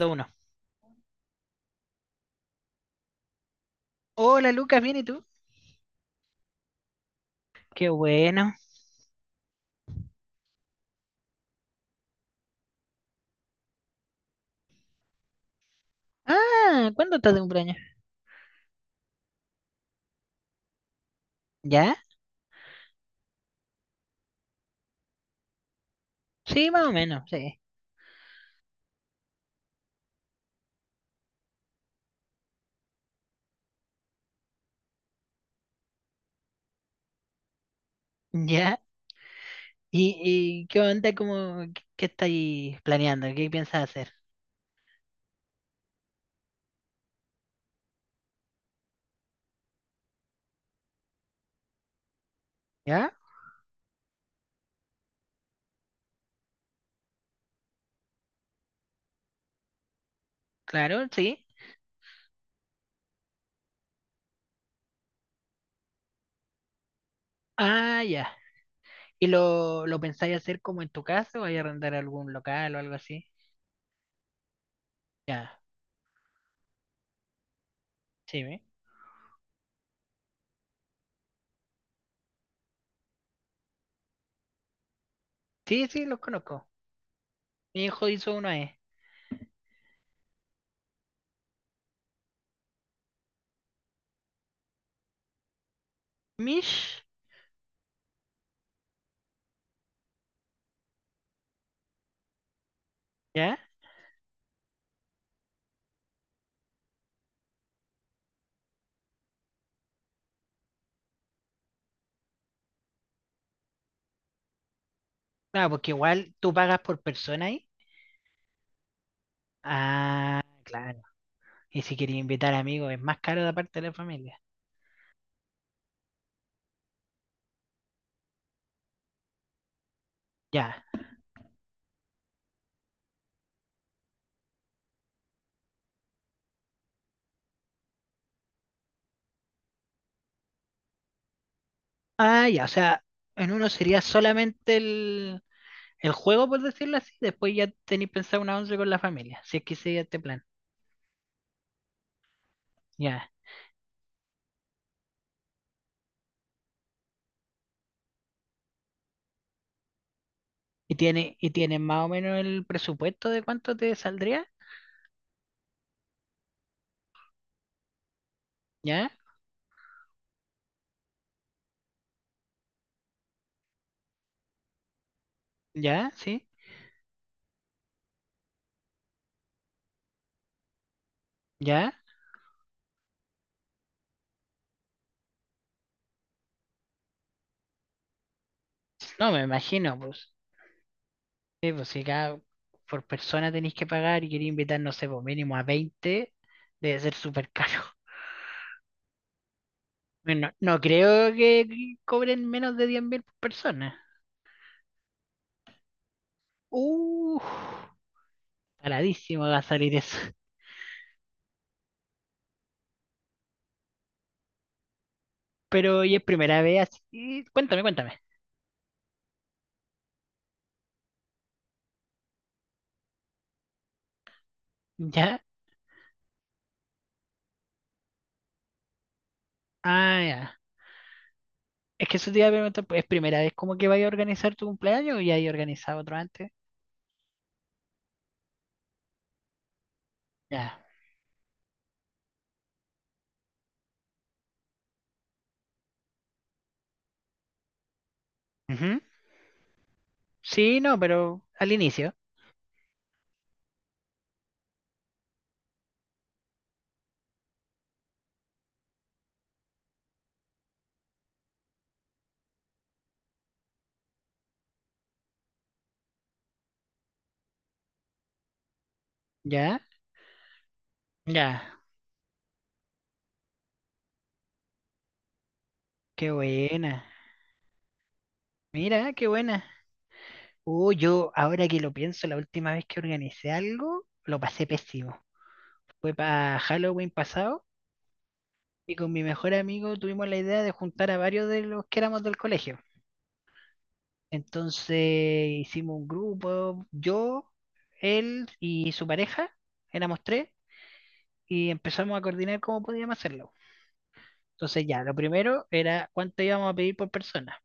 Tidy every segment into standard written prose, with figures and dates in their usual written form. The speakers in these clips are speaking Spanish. Uno. Hola Lucas, ¿bien y tú? Qué bueno. Ah, ¿cuándo estás de cumpleaños? ¿Ya? Sí, más o menos, sí. ¿Ya? ¿Y qué onda? ¿Cómo, qué estáis planeando? ¿Qué piensas hacer? ¿Ya? Claro, sí. Ah, ya. ¿Y lo pensáis hacer como en tu casa o vais a arrendar algún local o algo así? Ya, sí, ¿ve? Sí, sí, los conozco. Mi hijo hizo uno ahí. ¿Mish? ¿Ya? Claro, porque igual tú pagas por persona ahí. Ah, claro. Y si quería invitar amigos, es más caro de parte de la familia. Ya. Ah, ya, o sea, en uno sería solamente el juego, por decirlo así. Después ya tenéis pensado una once con la familia, si es que sigue este plan. Ya. ¿Y tiene más o menos el presupuesto de cuánto te saldría? ¿Ya? ¿Ya? ¿Sí? ¿Ya? No, me imagino, pues. Sí, pues si cada por persona tenéis que pagar y quería invitar, no sé, por mínimo a 20 debe ser súper caro. Bueno, no creo que cobren menos de 10.000 por persona. Uh, paradísimo va a salir eso. Pero hoy es primera vez así. Cuéntame, cuéntame. Ya. Ah, ya. Es que eso te iba a preguntar, pues, ¿es primera vez como que vaya a organizar tu cumpleaños o ya hay organizado otro antes? Ya. Ujú. Sí, no, pero al inicio. Ya. Ya. Qué buena. Mira, qué buena. Yo ahora que lo pienso, la última vez que organicé algo, lo pasé pésimo. Fue para Halloween pasado. Y con mi mejor amigo tuvimos la idea de juntar a varios de los que éramos del colegio. Entonces hicimos un grupo, yo, él y su pareja, éramos tres, y empezamos a coordinar cómo podíamos hacerlo. Entonces ya, lo primero era cuánto íbamos a pedir por persona,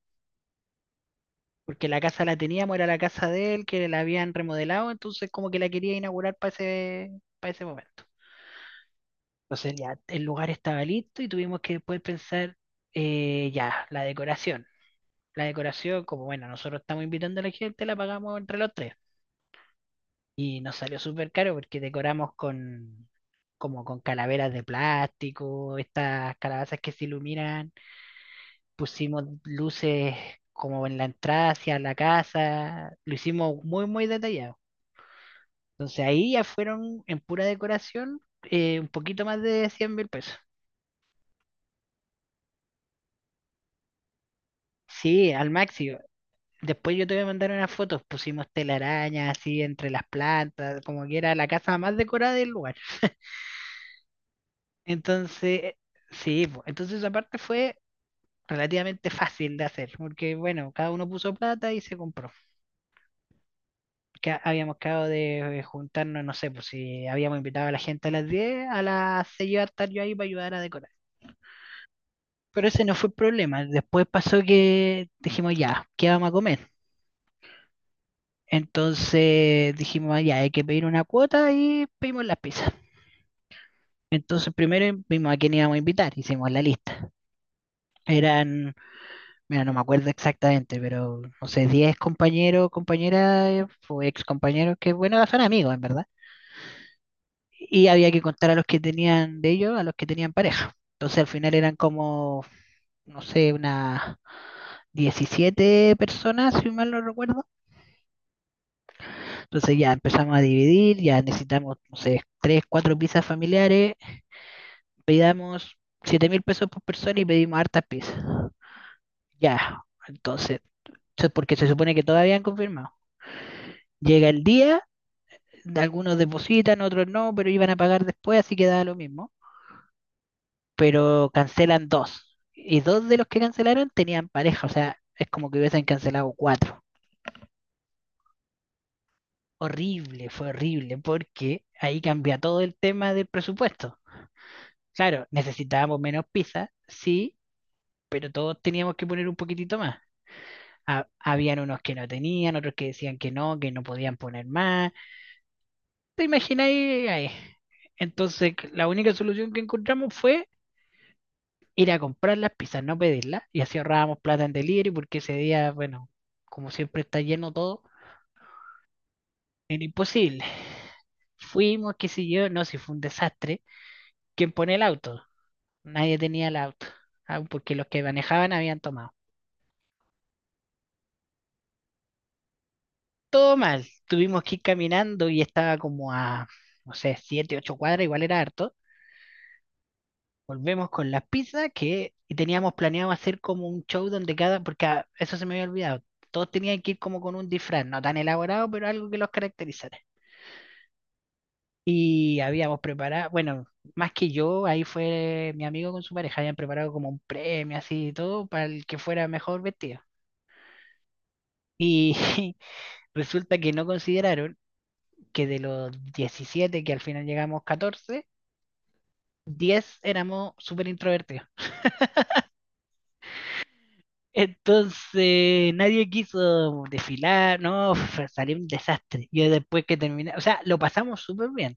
porque la casa la teníamos, era la casa de él, que la habían remodelado, entonces como que la quería inaugurar para para ese momento. Entonces ya, el lugar estaba listo y tuvimos que después pensar ya, la decoración, como bueno, nosotros estamos invitando a la gente, la pagamos entre los tres. Y nos salió súper caro porque decoramos con como con calaveras de plástico, estas calabazas que se iluminan, pusimos luces como en la entrada hacia la casa, lo hicimos muy, muy detallado. Entonces ahí ya fueron en pura decoración un poquito más de 100.000 pesos. Sí, al máximo. Después yo te voy a mandar unas fotos, pusimos telarañas así entre las plantas, como que era la casa más decorada del lugar. Entonces, sí, po, entonces esa parte fue relativamente fácil de hacer, porque bueno, cada uno puso plata y se compró. Que habíamos quedado de juntarnos, no sé, pues si habíamos invitado a la gente a las 10 a las 6 iba a estar yo ahí para ayudar a decorar. Pero ese no fue el problema. Después pasó que dijimos, ya, ¿qué vamos a comer? Entonces dijimos, "Ah, ya, hay que pedir una cuota y pedimos las pizzas." Entonces primero vimos a quién íbamos a invitar, hicimos la lista. Eran, mira, no me acuerdo exactamente, pero no sé, 10 compañeros, compañeras o ex compañeros que, bueno, son amigos, en verdad. Y había que contar a los que tenían de ellos, a los que tenían pareja. Entonces al final eran como, no sé, unas 17 personas, si mal no recuerdo. Entonces ya empezamos a dividir, ya necesitamos, no sé, 3, 4 pizzas familiares. Pedimos 7.000 pesos por persona y pedimos hartas pizzas. Ya, entonces, porque se supone que todavía han confirmado. Llega el día, algunos depositan, otros no, pero iban a pagar después, así que da lo mismo. Pero cancelan dos. Y dos de los que cancelaron tenían pareja, o sea, es como que hubiesen cancelado cuatro. Horrible, fue horrible, porque ahí cambia todo el tema del presupuesto. Claro, necesitábamos menos pizza, sí, pero todos teníamos que poner un poquitito más. Habían unos que no tenían, otros que decían que no podían poner más. ¿Te imagináis ahí? Entonces, la única solución que encontramos fue ir a comprar las pizzas, no pedirlas, y así ahorrábamos plata en delivery, porque ese día, bueno, como siempre está lleno todo, era imposible. Fuimos, qué sé yo, no, si fue un desastre. ¿Quién pone el auto? Nadie tenía el auto, ah, porque los que manejaban habían tomado. Todo mal, tuvimos que ir caminando y estaba como a, no sé, 7, 8 cuadras, igual era harto. Volvemos con las pizzas que teníamos planeado hacer como un show donde cada, porque ah, eso se me había olvidado, todos tenían que ir como con un disfraz, no tan elaborado, pero algo que los caracterizara. Y habíamos preparado, bueno, más que yo, ahí fue mi amigo con su pareja, habían preparado como un premio así y todo para el que fuera mejor vestido. Y resulta que no consideraron que de los 17 que al final llegamos 14 10 éramos súper introvertidos. Entonces nadie quiso desfilar, no, salió un desastre. Y después que terminé, o sea, lo pasamos súper bien,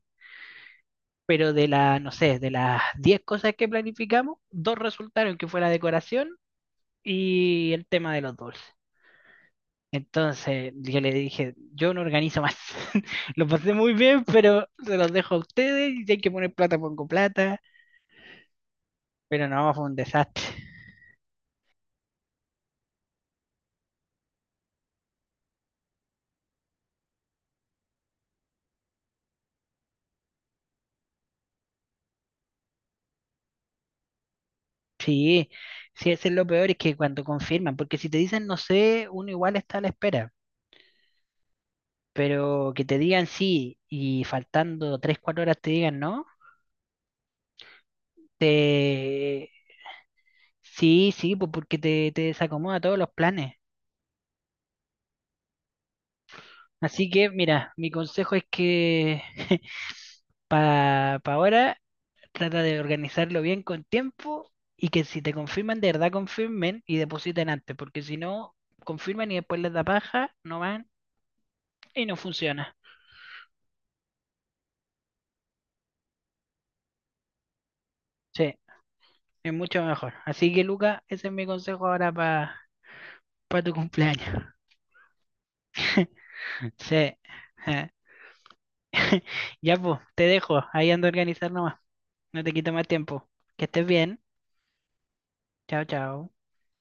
pero de la, no sé, de las 10 cosas que planificamos, dos resultaron que fue la decoración y el tema de los dulces. Entonces yo le dije, yo no organizo más. Lo pasé muy bien, pero se los dejo a ustedes y si hay que poner plata, pongo plata. Pero no, fue un desastre. Sí, sí, eso es lo peor, es que cuando confirman, porque si te dicen no sé, uno igual está a la espera. Pero que te digan sí y faltando 3 4 horas te digan no, te... sí, sí, pues porque te desacomoda todos los planes. Así que, mira, mi consejo es que para ahora trata de organizarlo bien con tiempo y que si te confirman, de verdad confirmen y depositen antes, porque si no, confirman y después les da paja, no van y no funciona. Sí, es mucho mejor. Así que, Luca, ese es mi consejo ahora para tu cumpleaños. Sí. Ya, pues, te dejo. Ahí ando a organizar nomás. No te quito más tiempo. Que estés bien. Chao, chao.